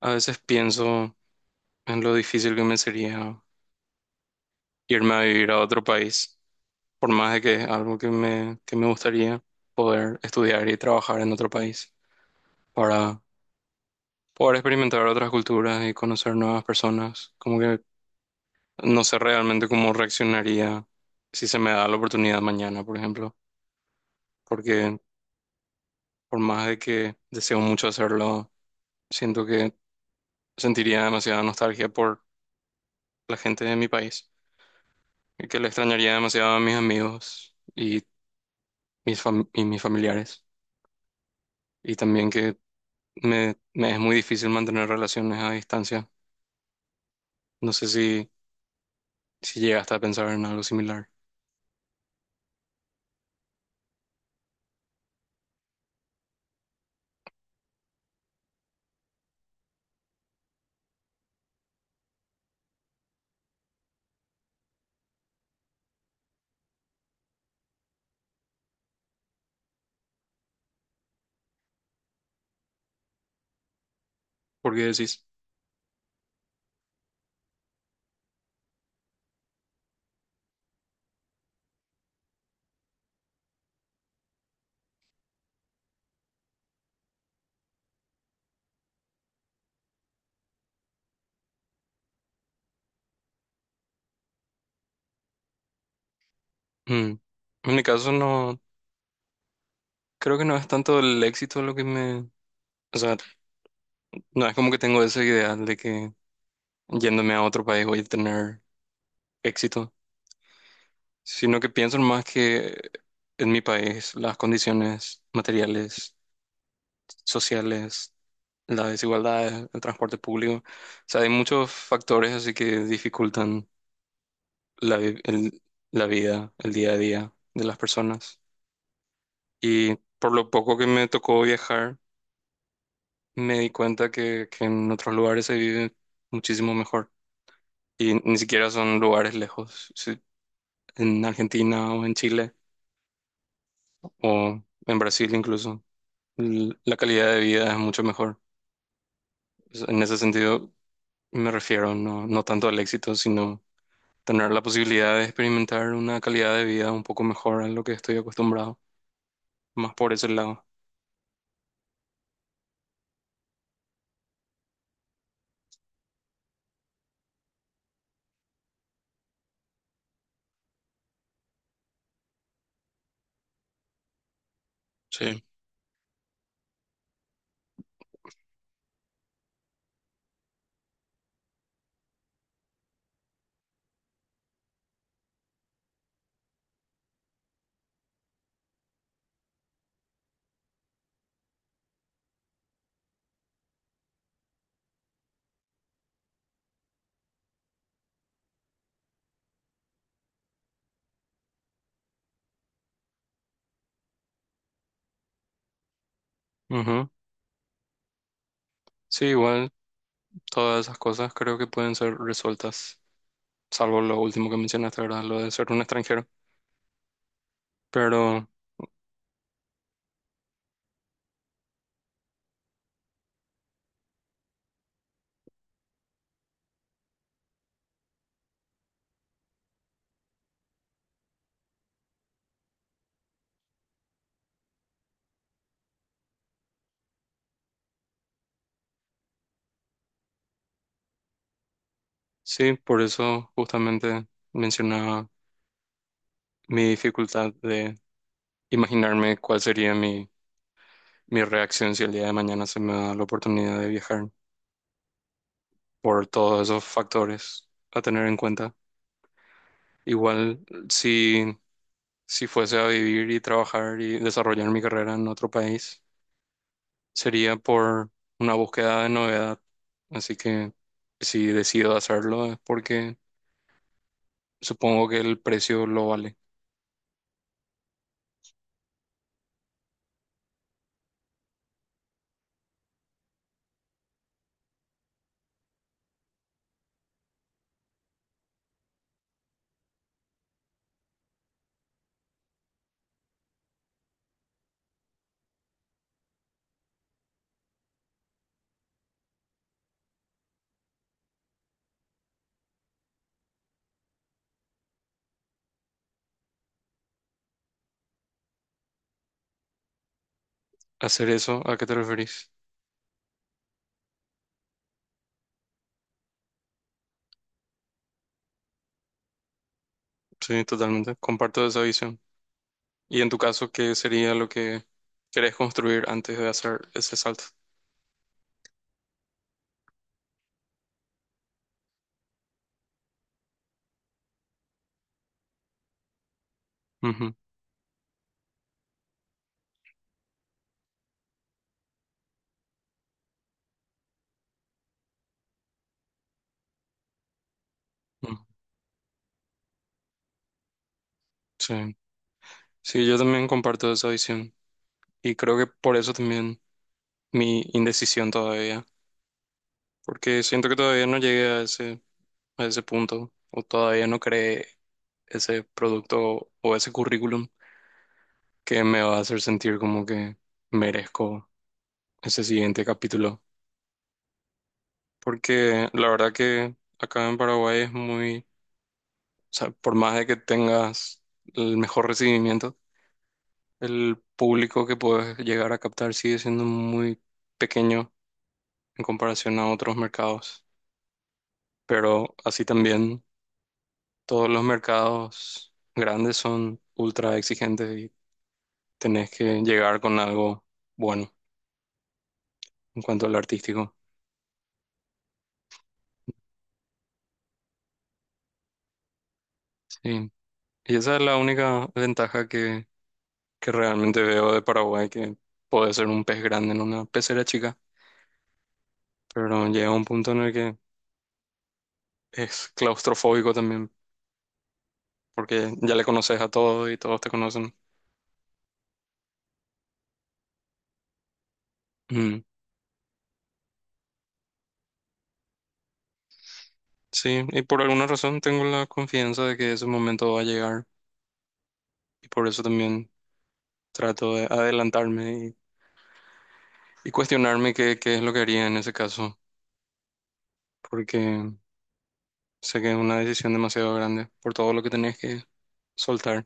A veces pienso en lo difícil que me sería irme a vivir a otro país, por más de que es algo que que me gustaría poder estudiar y trabajar en otro país para poder experimentar otras culturas y conocer nuevas personas. Como que no sé realmente cómo reaccionaría si se me da la oportunidad mañana, por ejemplo, porque por más de que deseo mucho hacerlo, siento que sentiría demasiada nostalgia por la gente de mi país y que le extrañaría demasiado a mis amigos. Y y mis familiares. Y también que me es muy difícil mantener relaciones a distancia. No sé si, ¿Si llegaste a pensar en algo similar? ¿Por qué decís? Mm. En mi caso no, creo que no es tanto el éxito lo que me... O sea, no es como que tengo ese ideal de que yéndome a otro país voy a tener éxito, sino que pienso más que en mi país las condiciones materiales, sociales, la desigualdad en el transporte público. O sea, hay muchos factores así que dificultan la, vi- el- la vida, el día a día de las personas. Y por lo poco que me tocó viajar, me di cuenta que en otros lugares se vive muchísimo mejor. Y ni siquiera son lugares lejos. En Argentina o en Chile o en Brasil incluso, la calidad de vida es mucho mejor. O sea, en ese sentido me refiero no tanto al éxito, sino tener la posibilidad de experimentar una calidad de vida un poco mejor a lo que estoy acostumbrado, más por ese lado. Sí. Ujú. Sí, igual todas esas cosas creo que pueden ser resueltas, salvo lo último que mencionaste, ¿verdad? Lo de ser un extranjero. Pero sí, por eso justamente mencionaba mi dificultad de imaginarme cuál sería mi reacción si el día de mañana se me da la oportunidad de viajar por todos esos factores a tener en cuenta. Igual, si fuese a vivir y trabajar y desarrollar mi carrera en otro país, sería por una búsqueda de novedad. Así que si decido hacerlo es porque supongo que el precio lo vale. ¿Hacer eso? ¿A qué te referís? Sí, totalmente. Comparto esa visión. ¿Y en tu caso, qué sería lo que querés construir antes de hacer ese salto? Ujú, ujú. Sí. Sí, yo también comparto esa visión. Y creo que por eso también mi indecisión todavía. Porque siento que todavía no llegué a ese, a ese punto, o todavía no creé ese producto o ese currículum que me va a hacer sentir como que merezco ese siguiente capítulo. Porque la verdad que acá en Paraguay es muy, o sea, por más de que tengas el mejor recibimiento, el público que puedes llegar a captar sigue siendo muy pequeño en comparación a otros mercados. Pero así también todos los mercados grandes son ultra exigentes, tenés que llegar con algo bueno en cuanto al artístico. Sí. Y esa es la única ventaja que realmente veo de Paraguay, que puede ser un pez grande en una pecera chica, pero llega un punto en el que es claustrofóbico también, porque ya le conoces a todos y todos te conocen. Mm. Sí, y por alguna razón tengo la confianza de que ese momento va a llegar y por eso también trato de adelantarme y cuestionarme qué es lo que haría en ese caso, porque sé que es una decisión demasiado grande por todo lo que tenés que soltar.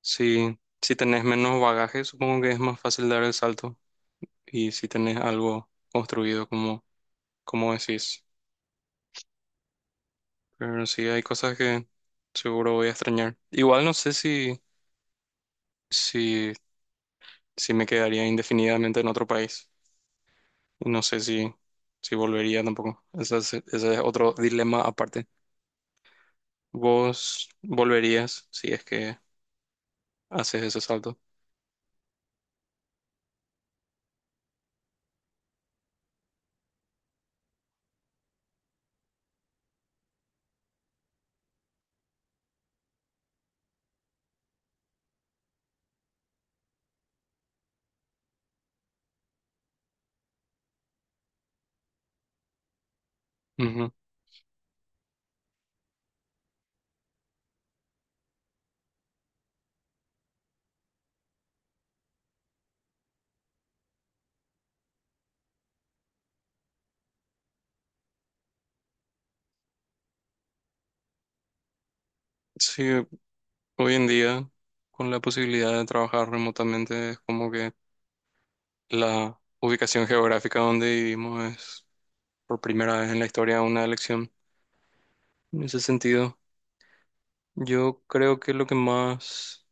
Si tenés menos bagaje, supongo que es más fácil dar el salto. Y si tenés algo construido, como, como decís. Pero sí, hay cosas que seguro voy a extrañar. Igual no sé si, si me quedaría indefinidamente en otro país. Y no sé si volvería tampoco. Ese es otro dilema aparte. ¿Vos volverías si es que haces ese salto? Ujú. Sí. Hoy en día, con la posibilidad de trabajar remotamente, es como que la ubicación geográfica donde vivimos es por primera vez en la historia una elección. En ese sentido, yo creo que lo que más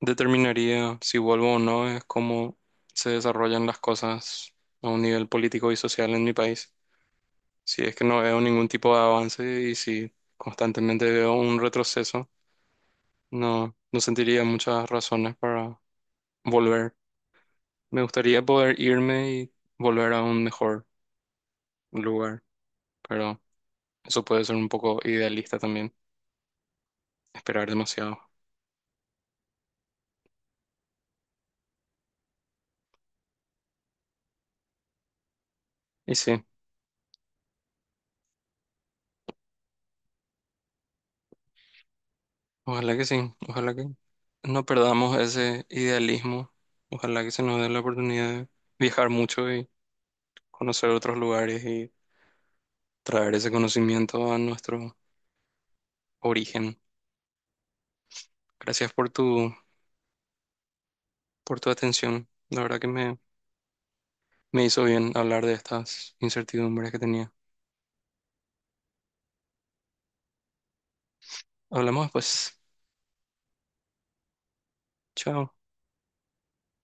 determinaría si vuelvo o no es cómo se desarrollan las cosas a un nivel político y social en mi país. Si es que no veo ningún tipo de avance y si constantemente veo un retroceso, no sentiría muchas razones para volver. Me gustaría poder irme y volver a un mejor lugar, pero eso puede ser un poco idealista también, esperar demasiado. Y sí, ojalá que no perdamos ese idealismo, ojalá que se nos dé la oportunidad de viajar mucho y conocer otros lugares y traer ese conocimiento a nuestro origen. Gracias por por tu atención, la verdad que me hizo bien hablar de estas incertidumbres que tenía. Hablamos pues, chao.